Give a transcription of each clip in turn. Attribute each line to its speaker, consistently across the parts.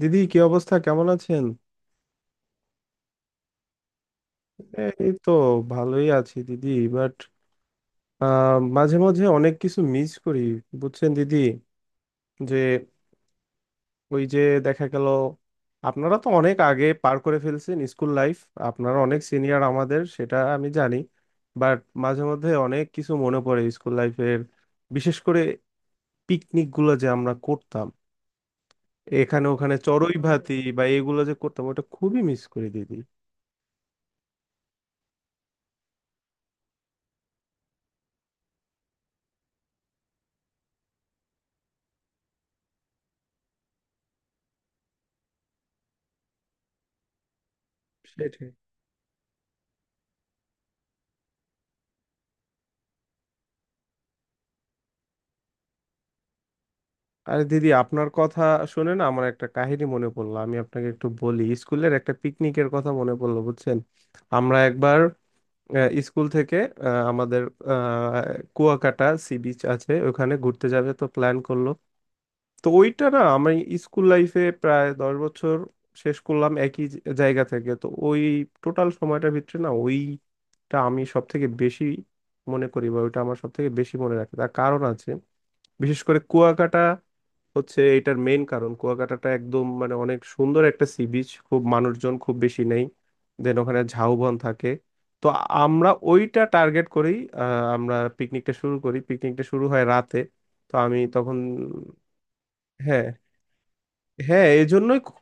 Speaker 1: দিদি, কি অবস্থা, কেমন আছেন? এই তো, ভালোই আছি দিদি। বাট মাঝে মাঝে অনেক কিছু মিস করি, বুঝছেন দিদি, যে ওই যে দেখা গেল, আপনারা তো অনেক আগে পার করে ফেলছেন স্কুল লাইফ। আপনারা অনেক সিনিয়র আমাদের, সেটা আমি জানি। বাট মাঝে মধ্যে অনেক কিছু মনে পড়ে স্কুল লাইফের। বিশেষ করে পিকনিক গুলো যে আমরা করতাম, এখানে ওখানে চড়ুই ভাতি বা এগুলো যে করতাম, ওটা খুবই মিস করি দিদি। সেটাই। আরে দিদি, আপনার কথা শুনে না আমার একটা কাহিনী মনে পড়লো, আমি আপনাকে একটু বলি, স্কুলের একটা পিকনিকের কথা মনে পড়লো বুঝছেন। আমরা একবার স্কুল থেকে আমাদের আহ, কুয়াকাটা সি বিচ আছে, ওখানে ঘুরতে যাবে তো প্ল্যান করলো। তো ওইটা না, আমি স্কুল লাইফে প্রায় 10 বছর শেষ করলাম একই জায়গা থেকে। তো ওই টোটাল সময়টার ভিতরে না ওইটা আমি সব থেকে বেশি মনে করি, বা ওইটা আমার সব থেকে বেশি মনে রাখে, তার কারণ আছে। বিশেষ করে কুয়াকাটা হচ্ছে এটার মেইন কারণ। কুয়াকাটাটা একদম মানে অনেক সুন্দর একটা সি বিচ, খুব মানুষজন খুব বেশি নেই। দেন ওখানে ঝাউবন থাকে। তো আমরা ওইটা টার্গেট করেই আমরা পিকনিকটা শুরু করি। পিকনিকটা শুরু হয় রাতে। তো আমি তখন হ্যাঁ, হ্যাঁ,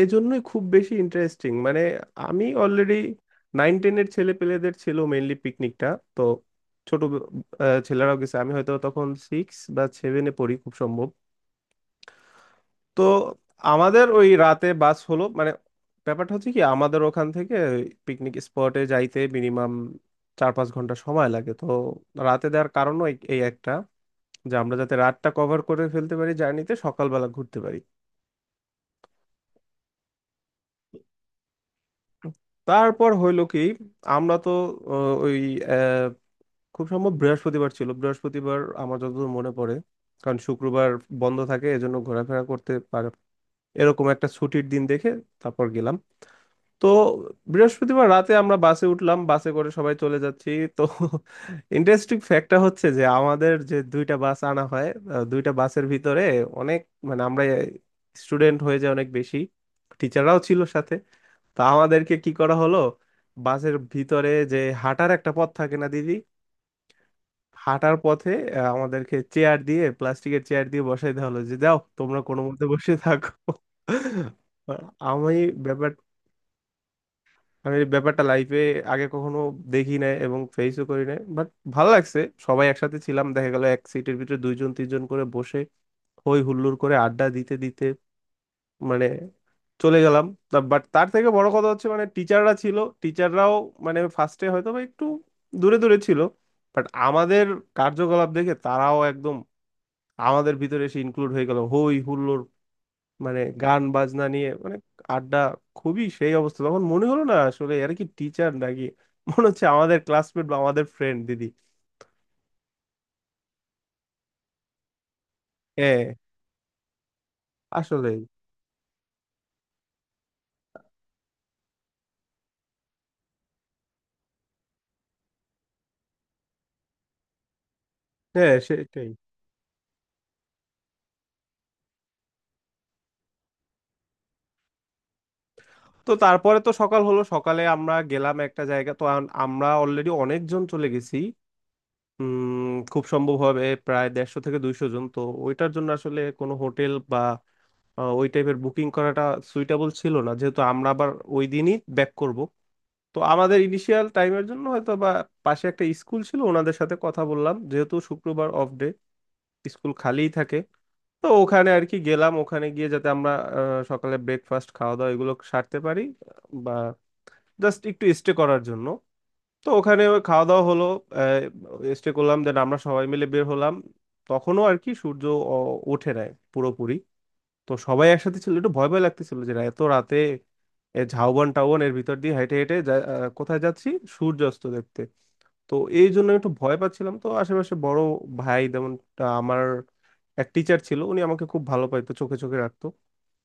Speaker 1: এজন্যই খুব বেশি ইন্টারেস্টিং। মানে আমি অলরেডি নাইন টেনের ছেলে পেলেদের ছিল মেইনলি পিকনিকটা। তো ছোট ছেলেরাও গেছে। আমি হয়তো তখন সিক্স বা সেভেনে পড়ি খুব সম্ভব। তো আমাদের ওই রাতে বাস হলো। মানে ব্যাপারটা হচ্ছে কি, আমাদের ওখান থেকে পিকনিক স্পটে যাইতে মিনিমাম 4-5 ঘন্টা সময় লাগে। তো রাতে দেওয়ার কারণও এই এই একটা, যে আমরা যাতে রাতটা কভার করে ফেলতে পারি জার্নিতে, সকালবেলা ঘুরতে পারি। তারপর হইলো কি আমরা তো ওই আহ, খুব সম্ভব বৃহস্পতিবার ছিল, বৃহস্পতিবার আমার যতদূর মনে পড়ে। কারণ শুক্রবার বন্ধ থাকে, এজন্য ঘোরাফেরা করতে পারে এরকম একটা ছুটির দিন দেখে তারপর গেলাম। তো বৃহস্পতিবার রাতে আমরা বাসে উঠলাম, বাসে করে সবাই চলে যাচ্ছি। তো ইন্টারেস্টিং ফ্যাক্টটা হচ্ছে যে আমাদের যে দুইটা বাস আনা হয়, দুইটা বাসের ভিতরে অনেক মানে আমরা স্টুডেন্ট হয়ে যায় অনেক বেশি, টিচাররাও ছিল সাথে। তো আমাদেরকে কি করা হলো, বাসের ভিতরে যে হাঁটার একটা পথ থাকে না দিদি, হাঁটার পথে আমাদেরকে চেয়ার দিয়ে, প্লাস্টিকের চেয়ার দিয়ে বসাই দেওয়া হলো, যে যাও তোমরা কোনো মতে বসে থাকো। আমি ব্যাপারটা, আমি এই ব্যাপারটা লাইফে আগে কখনো দেখি নাই এবং ফেসও করি নাই, বাট ভালো লাগছে। সবাই একসাথে ছিলাম, দেখা গেল এক সিটের ভিতরে দুইজন তিনজন করে বসে হই হুল্লোড় করে আড্ডা দিতে দিতে মানে চলে গেলাম। বাট তার থেকে বড় কথা হচ্ছে মানে টিচাররা ছিল, টিচাররাও মানে ফার্স্টে হয়তো বা একটু দূরে দূরে ছিল, বাট আমাদের কার্যকলাপ দেখে তারাও একদম আমাদের ভিতরে এসে ইনক্লুড হয়ে গেল হই হুল্লোড়, মানে গান বাজনা নিয়ে মানে আড্ডা খুবই সেই অবস্থা। তখন মনে হলো না আসলে এরা কি টিচার নাকি, মনে হচ্ছে আমাদের ক্লাসমেট বা আমাদের ফ্রেন্ড দিদি। হ্যাঁ। আসলে হ্যাঁ, সেটাই। তো তারপরে তো সকাল হলো, সকালে আমরা গেলাম একটা জায়গা। তো আমরা অলরেডি অনেকজন চলে গেছি, খুব সম্ভব হবে প্রায় 150-200 জন। তো ওইটার জন্য আসলে কোনো হোটেল বা ওই টাইপের বুকিং করাটা সুইটেবল ছিল না, যেহেতু আমরা আবার ওই দিনই ব্যাক করব। তো আমাদের ইনিশিয়াল টাইমের জন্য হয়তো বা পাশে একটা স্কুল ছিল, ওনাদের সাথে কথা বললাম, যেহেতু শুক্রবার অফ ডে স্কুল খালিই থাকে। তো ওখানে আর কি গেলাম, ওখানে গিয়ে যাতে আমরা সকালে ব্রেকফাস্ট খাওয়া দাওয়া এগুলো সারতে পারি, বা জাস্ট একটু স্টে করার জন্য। তো ওখানে ওই খাওয়া দাওয়া হলো, স্টে করলাম, দেন আমরা সবাই মিলে বের হলাম। তখনও আর কি সূর্য ওঠে নাই পুরোপুরি। তো সবাই একসাথে ছিল, একটু ভয় ভয় লাগতেছিল যে এত রাতে এ ঝাউবন টাউবন এর ভিতর দিয়ে হেঁটে হেঁটে কোথায় যাচ্ছি সূর্যাস্ত দেখতে। তো এই জন্য একটু ভয় পাচ্ছিলাম। তো আশেপাশে বড় ভাই যেমন আমার এক টিচার ছিল, উনি আমাকে খুব ভালো পাইতো, চোখে চোখে রাখতো।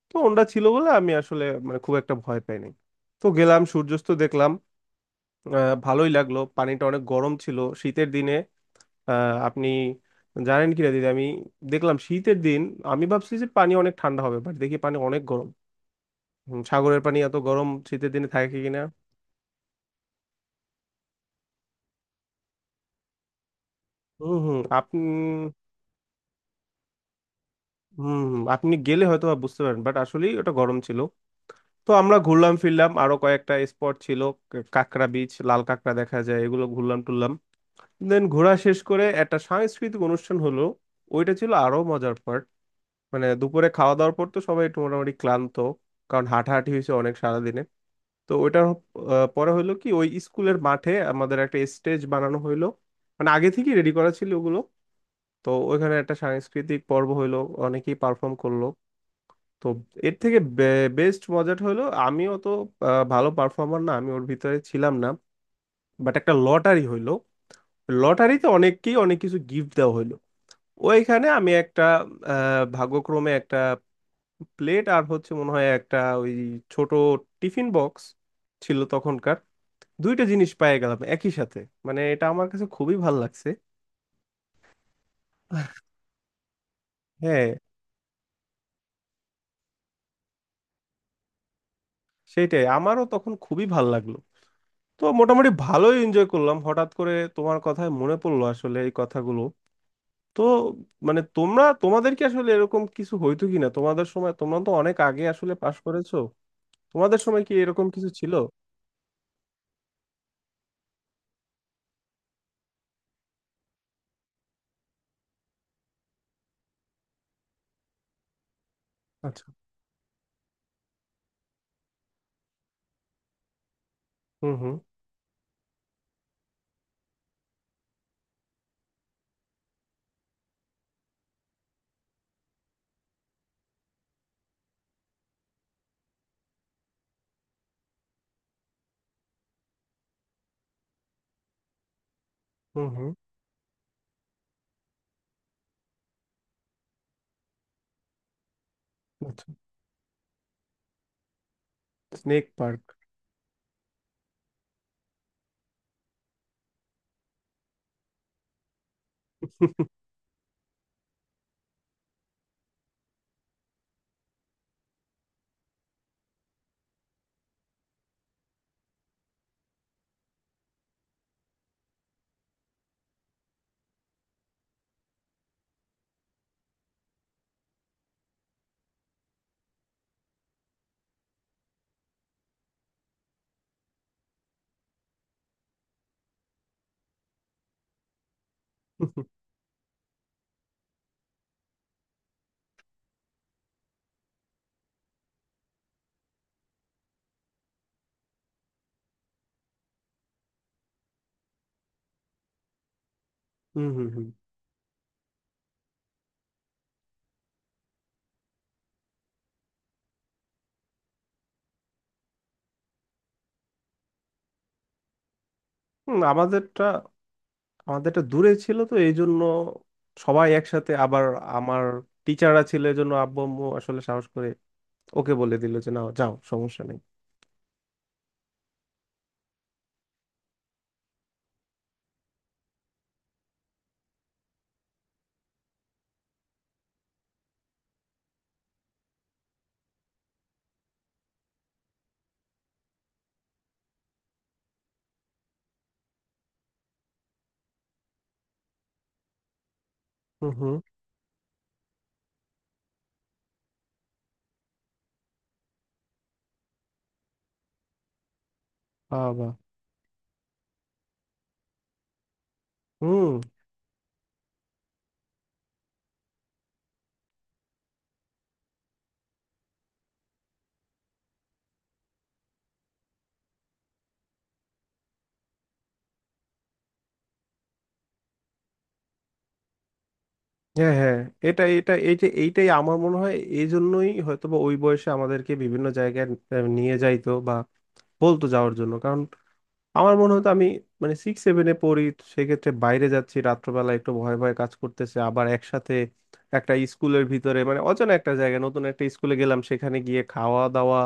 Speaker 1: তো ওনরা ছিল বলে আমি আসলে মানে খুব একটা ভয় পাই নাই। তো গেলাম সূর্যাস্ত দেখলাম, ভালোই লাগলো। পানিটা অনেক গরম ছিল শীতের দিনে। আপনি জানেন কিনা দিদি, আমি দেখলাম শীতের দিন, আমি ভাবছি যে পানি অনেক ঠান্ডা হবে, বাট দেখি পানি অনেক গরম। হুম, সাগরের পানি এত গরম শীতের দিনে থাকে কিনা। হুম, হুম। আপনি, হুম, হুম, আপনি গেলে হয়তো বা বুঝতে পারেন, বাট আসলেই ওটা গরম ছিল। তো আমরা ঘুরলাম ফিরলাম, আরো কয়েকটা স্পট ছিল, কাঁকড়া বিচ, লাল কাঁকড়া দেখা যায়, এগুলো ঘুরলাম টুরলাম। দেন ঘোরা শেষ করে একটা সাংস্কৃতিক অনুষ্ঠান হলো, ওইটা ছিল আরো মজার পার্ট। মানে দুপুরে খাওয়া দাওয়ার পর তো সবাই একটু মোটামুটি ক্লান্ত, কারণ হাঁটাহাঁটি হয়েছে অনেক সারাদিনে। তো ওইটার পরে হলো কি ওই স্কুলের মাঠে আমাদের একটা স্টেজ বানানো হইলো, মানে আগে থেকেই রেডি করা ছিল ওগুলো। তো ওইখানে একটা সাংস্কৃতিক পর্ব হইলো, অনেকেই পারফর্ম করলো। তো এর থেকে বেস্ট মজাটা হলো, আমিও তো ভালো পারফর্মার না, আমি ওর ভিতরে ছিলাম না। বাট একটা লটারি হইলো, লটারিতে অনেককেই অনেক কিছু গিফট দেওয়া হইলো। ওইখানে আমি একটা ভাগ্যক্রমে একটা প্লেট আর হচ্ছে মনে হয় একটা ওই ছোট টিফিন বক্স ছিল তখনকার, দুইটা জিনিস পেয়ে গেলাম একই সাথে। মানে এটা আমার কাছে খুবই ভাল লাগছে। হ্যাঁ, সেটাই। আমারও তখন খুবই ভাল লাগলো। তো মোটামুটি ভালোই এনজয় করলাম। হঠাৎ করে তোমার কথায় মনে পড়লো আসলে এই কথাগুলো। তো মানে তোমরা, তোমাদের কি আসলে এরকম কিছু হইতো কিনা তোমাদের সময়, তোমরা তো অনেক আগে আসলে পাশ করেছো। তোমাদের সময় কি এরকম কিছু ছিল? আচ্ছা। হুম, হুম। হুম, হুম। আচ্ছা। Snake park. হুম, হুম। হুম, হুম, আমাদেরটা। আমাদেরটা দূরে ছিল তো, এই জন্য সবাই একসাথে আবার। আমার টিচাররা ছিল এই জন্য আব্বু আম্মু আসলে সাহস করে ওকে বলে দিল যে না যাও সমস্যা নেই। হুম, হুম। বাবা। হুম। হ্যাঁ, হ্যাঁ। এটা এটা এই যে এইটাই আমার মনে হয় এই জন্যই হয়তো বা ওই বয়সে আমাদেরকে বিভিন্ন জায়গায় নিয়ে যাইতো বা বলতো যাওয়ার জন্য, কারণ আমার মনে হতো, আমি মানে সিক্স সেভেনে পড়ি, সেক্ষেত্রে বাইরে যাচ্ছি রাত্রবেলা, একটু ভয় ভয় কাজ করতেছে, আবার একসাথে একটা স্কুলের ভিতরে মানে অচেনা একটা জায়গায় নতুন একটা স্কুলে গেলাম, সেখানে গিয়ে খাওয়া দাওয়া,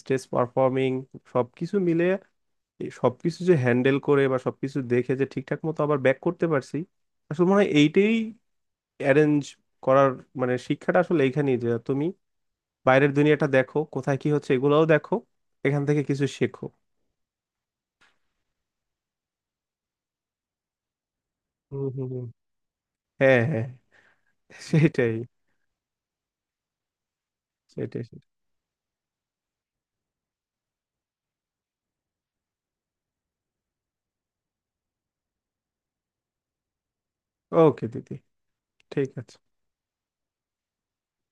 Speaker 1: স্টেজ পারফর্মিং, সবকিছু মিলে এই সবকিছু যে হ্যান্ডেল করে বা সবকিছু দেখে যে ঠিকঠাক মতো আবার ব্যাক করতে পারছি, আসলে মনে হয় এইটাই অ্যারেঞ্জ করার মানে শিক্ষাটা আসলে এইখানেই, যে তুমি বাইরের দুনিয়াটা দেখো কোথায় কি হচ্ছে এগুলোও দেখো, এখান থেকে কিছু শেখো। হুম, হুম, হুম। হ্যাঁ, হ্যাঁ। সেটাই, সেটাই, সেটাই। ওকে দিদি, ঠিক আছে।